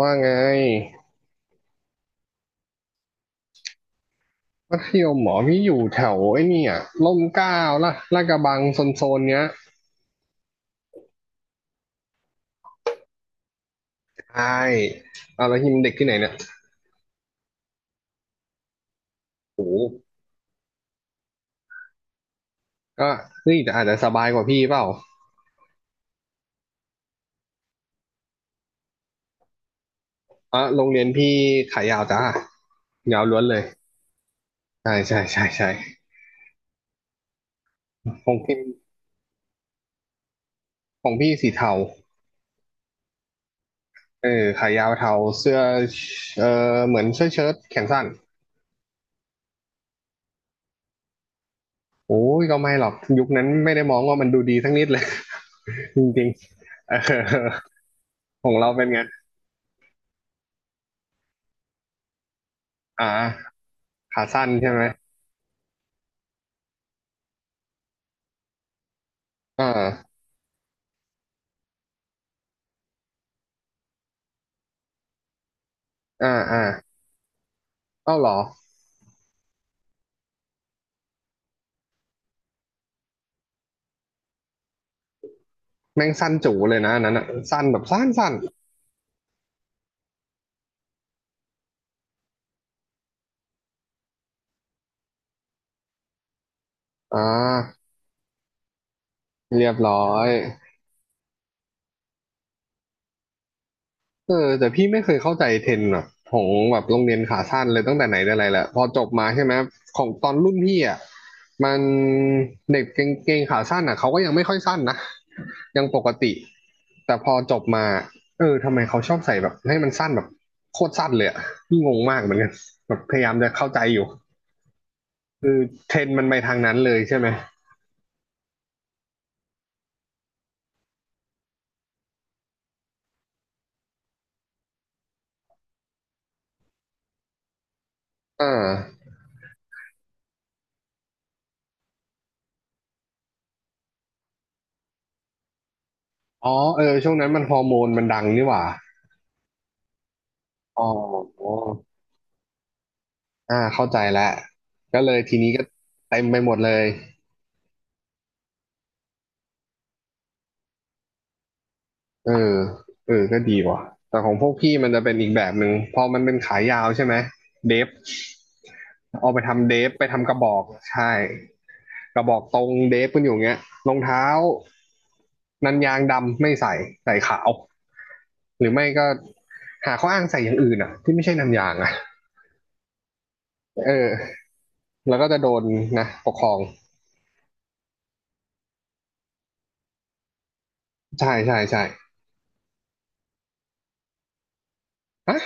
ว่าไงมัธยมหมอพี่อยู่แถวไอ้นี่อ่ะร่มเกล้าละลาดกระบังโซนๆเนี้ยใช่เอาแล้วทีมเด็กที่ไหนเนี่ยโอ้โหก็นี่แต่อาจจะสบายกว่าพี่เปล่าอ่ะโรงเรียนพี่ขายาวจ้ายาวล้วนเลยใช่ใช่ใช่ใช่ของพี่ของพี่สีเทาเออขายาวเทาเสื้อเออเหมือนเสื้อเชิ้ตแขนสั้นโอ้ยก็ไม่หรอกยุคนั้นไม่ได้มองว่ามันดูดีสักนิดเลย จริงๆ เออของเราเป็นไงอ่าขาสั้นใช่ไหม อ่าอ่าอ่าเอ้าเหรอแม่งสั้นจู๋เลยนะอันนั้นอ่ะสั้นแบบสั้นสั้นอ่าเรียบร้อยเออแต่พี่ไม่เคยเข้าใจเทรนด์แบบของแบบโรงเรียนขาสั้นเลยตั้งแต่ไหนแต่ไรแหละพอจบมาใช่ไหมของตอนรุ่นพี่อ่ะมันเด็กเกงขาสั้นอ่ะเขาก็ยังไม่ค่อยสั้นนะยังปกติแต่พอจบมาเออทำไมเขาชอบใส่แบบให้มันสั้นแบบโคตรสั้นเลยอ่ะพี่งงมากเหมือนกันแบบพยายามจะเข้าใจอยู่เทรนด์มันไปทางนั้นเลยใช่ไหมอ่า อ๋อเออ ช่วงนั้นมันฮอร์โมนมันดังนี่หว่าอ๋ออ่า เข้าใจแล้ว ก็เลยทีนี้ก็เต็มไปหมดเลยเออเออก็ดีว่ะแต่ของพวกพี่มันจะเป็นอีกแบบหนึ่งพอมันเป็นขายาวใช่ไหมเดฟเอาไปทำเดฟไปทำกระบอกใช่กระบอกตรงเดฟกันอยู่เงี้ยรองเท้านันยางดำไม่ใส่ใส่ขาวหรือไม่ก็หาข้ออ้างใส่อย่างอื่นอ่ะที่ไม่ใช่นันยางอ่ะเออแล้วก็จะโดนนะปกครอง ใช่ใช่ใช่ฮะ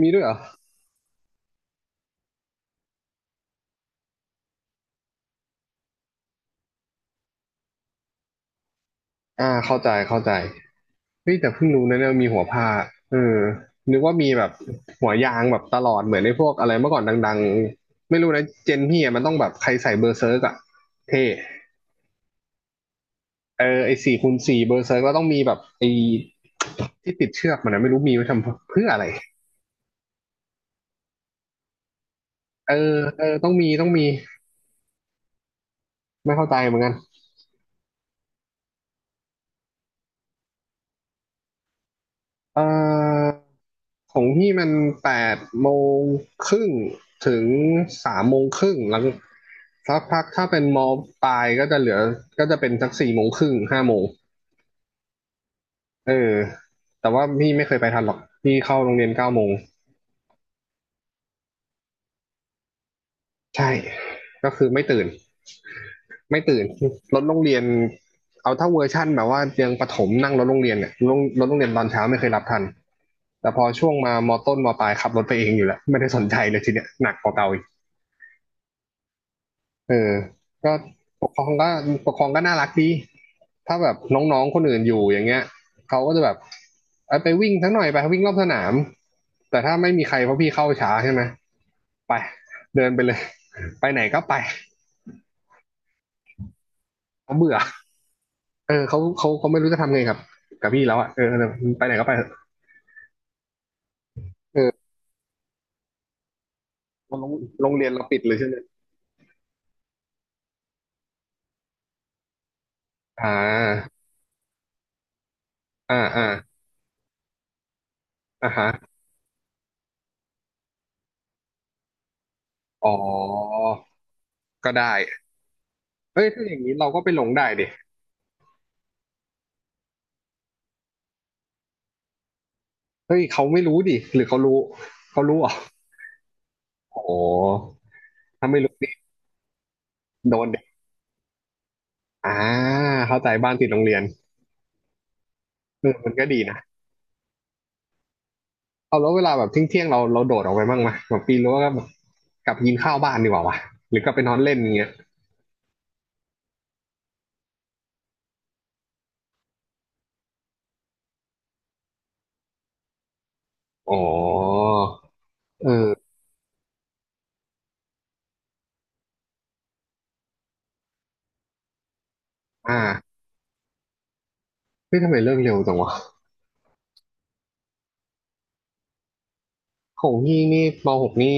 มีด้วยเหรออ่าเข้าใจเข้าใจเฮ้ยแต่เพิ่งรู้นะเนี่ยมีหัวผ้าเออนึกว่ามีแบบหัวยางแบบตลอดเหมือนในพวกอะไรเมื่อก่อนดังๆไม่รู้นะเจนพี่อะมันต้องแบบใครใส่เบอร์เซิร์กอะเท่เออไอสี่คูณสี่เบอร์เซิร์กก็ต้องมีแบบไอที่ติดเชือกมันนะไม่รู้มีไว้ทำเพื่ออะไรเออเออต้องมีไม่เข้าใจเหมือนกัน เอ่อของพี่มันแปดโมงครึ่งถึงสามโมงครึ่งแล้วสักพักถ้าเป็นมอปลายก็จะเหลือก็จะเป็นสักสี่โมงครึ่งห้าโมงเออแต่ว่าพี่ไม่เคยไปทันหรอกพี่เข้าโรงเรียนเก้าโมงใช่ก็คือไม่ตื่นไม่ตื่นรถโรงเรียนเอาถ้าเวอร์ชั่นแบบว่ายังประถมนั่งรถโรงเรียนเนี่ยรถรถโรงเรียนตอนเช้าไม่เคยรับทันแต่พอช่วงมามอต้นมอปลายขับรถไปเองอยู่แล้วไม่ได้สนใจเลยทีเนี้ยหนักกว่าเก่าอ เออก็ปกครองก็ปกครองก็น่ารักดี ถ้าแบบน้องๆ คนอื่นอยู่อย่างเงี้ยเขาก็จะแบบเอ้ยไปวิ่งสักหน่อยไปวิ่งรอบสนาม แต่ถ้าไม่มีใครเพราะพี่เข้าช้าใช่ไหมไปเดินไปเลย ไปไหนก็ไปเขาเบื่อเออเขาเขาเขาไม่รู้จะทำไงกับกับพี่แล้วอ่ะเออไปไหนก็ไปเถอะเออโรงโรงเรียนเราปิดเลยใช่ไหมอ่าอ่าอ่าอ่าฮะอ๋อก็ได้เฮ้ยถ้าอย่างนี้เราก็ไปหลงได้ดิเฮ้ยเขาไม่รู้ดิหรือเขารู้เขารู้เหรอ โอ้ถ้าไม่รู้นี่โดนเด็กอ่าเข้าใจบ้านติดโรงเรียนเออมันก็ดีนะเอาแล้วเวลาแบบเที่ยงๆเราเราโดดออกไปบ้างไหมแบบปีนรั้วก็แบบกลับกินข้าวบ้านดีกว่าวะ หรือกลับไปนอนเล่นอย่างเงี้ยอ๋อเอออ่าเฮ้ยทำไมเลิกเร็วจังวะของพี่นี่มหกนี่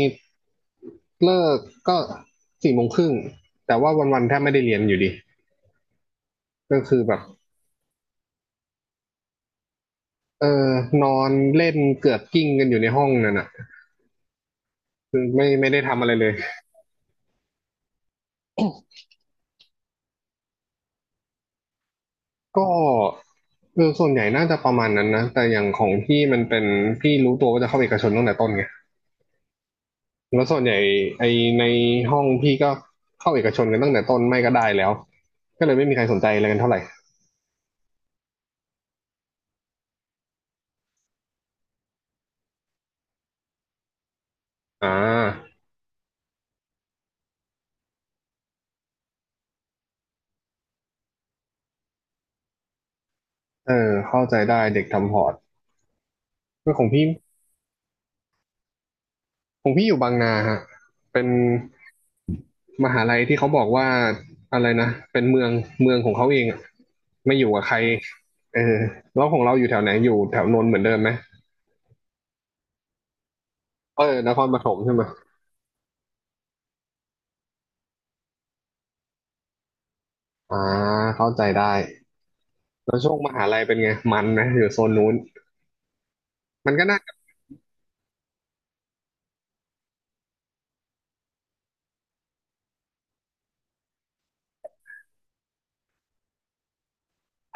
เลิกก็สี่โมงครึ่งแต่ว่าวันๆแทบไม่ได้เรียนอยู่ดี ก็คือแบบเออนอนเล่นเกือกกิ้งกันอยู่ในห้องนั่นน่ะคือไม่ไม่ได้ทำอะไรเลย ก็เออส่วนใหญ่น่าจะประมาณนั้นนะแต่อย่างของพี่มันเป็นพี่รู้ตัวว่าจะเข้าเอกชนตั้งแต่ต้นไงแล้วส่วนใหญ่ไอในห้องพี่ก็เข้าเอกชนกันตั้งแต่ต้นไม่ก็ได้แล้วก็เลยไม่มีใครสนใจอะไรกันเท่าไหร่อ่าเออเข้าใจได้เด็กทำพอร์ตเรื่องของพี่ของพี่อยู่บางนาฮะเป็นมหาลัยที่เขาบอกว่าอะไรนะเป็นเมืองเมืองของเขาเองอะไม่อยู่กับใครเออแล้วของเราอยู่แถวไหนอยู่แถวนนท์เหมือนเดิมไหมเออนครปฐมใช่ไหม อ่าเข้าใจได้แล้วช่วงมหาลัยเป็นไงมันนะอยู่โซนนู้นมันก็น่าจะ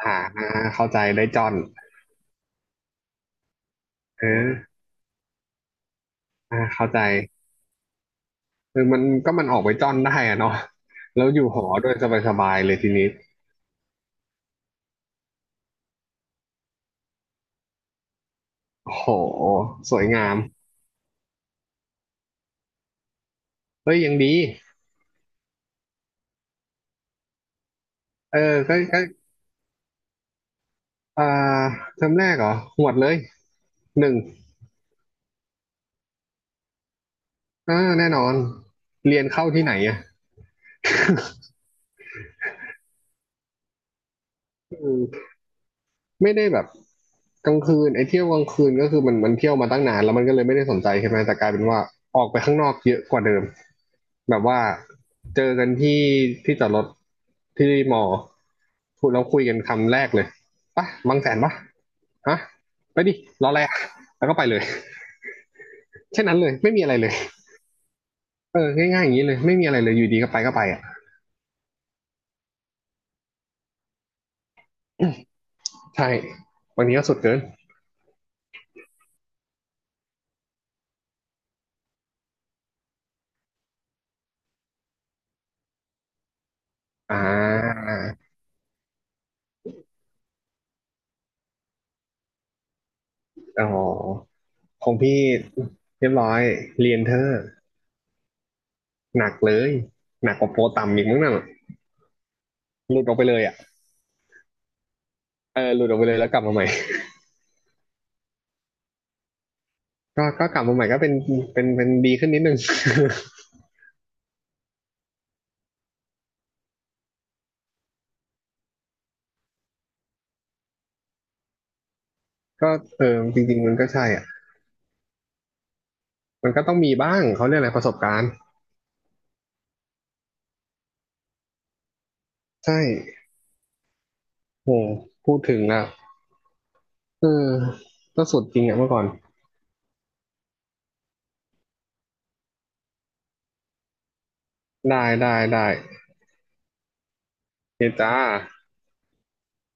ผ่านนะเข้าใจได้จอนเอออ่าเข้าใจคือมันก็มันออกไปจอนได้อะเนาะแล้วอยู่หอด้วยสบายๆเลยทีนี้โอ้โหสวยงามเฮ้ยยังดีเออก็ก็อ่าเทอมแรกเหรอหวดเลยหนึ่งอ่าแน่นอนเรียนเข้าที่ไหนอะ ไม่ได้แบบกลางคืนไอ้เที่ยวกลางคืนก็คือมันมันเที่ยวมาตั้งนานแล้วมันก็เลยไม่ได้สนใจใช่ไหมแต่กลายเป็นว่าออกไปข้างนอกเยอะกว่าเดิมแบบว่าเจอกันที่ที่จอดรถที่มอพูดแล้วคุยกันคำแรกเลยปะบางแสนปะฮะไปดิรออะไรอะแล้วก็ไปเลยแค่นั้นเลยไม่มีอะไรเลยเออง่ายๆอย่างนี้เลยไม่มีอะไรเลยอยู่ดีก็ไปก็ไปอ่ะใช่บางทีก็สุดเกินอ่าอ๋อของพี่เรียบร้อยเรียนเธอ หนักเลยหนักกว่าโปรต่ำอีกมั้งนั่นหลุดออกไปเลยอ่ะเออหลุดออกไปเลยแล้วกลับมาใหม่ ก็ก็กลับมาใหม่ก็เป็นเป็นดีขึ้นนิดนึง ก็เออจริงๆมันก็ใช่อ่ะมันก็ต้องมีบ้างเขาเรียกอะไรประสบการณ์ใช่โหพูดถึงอ่ะเออก็สุดจริงอ่ะเมื่อก่อนได้ได้ได้เฮยจ้า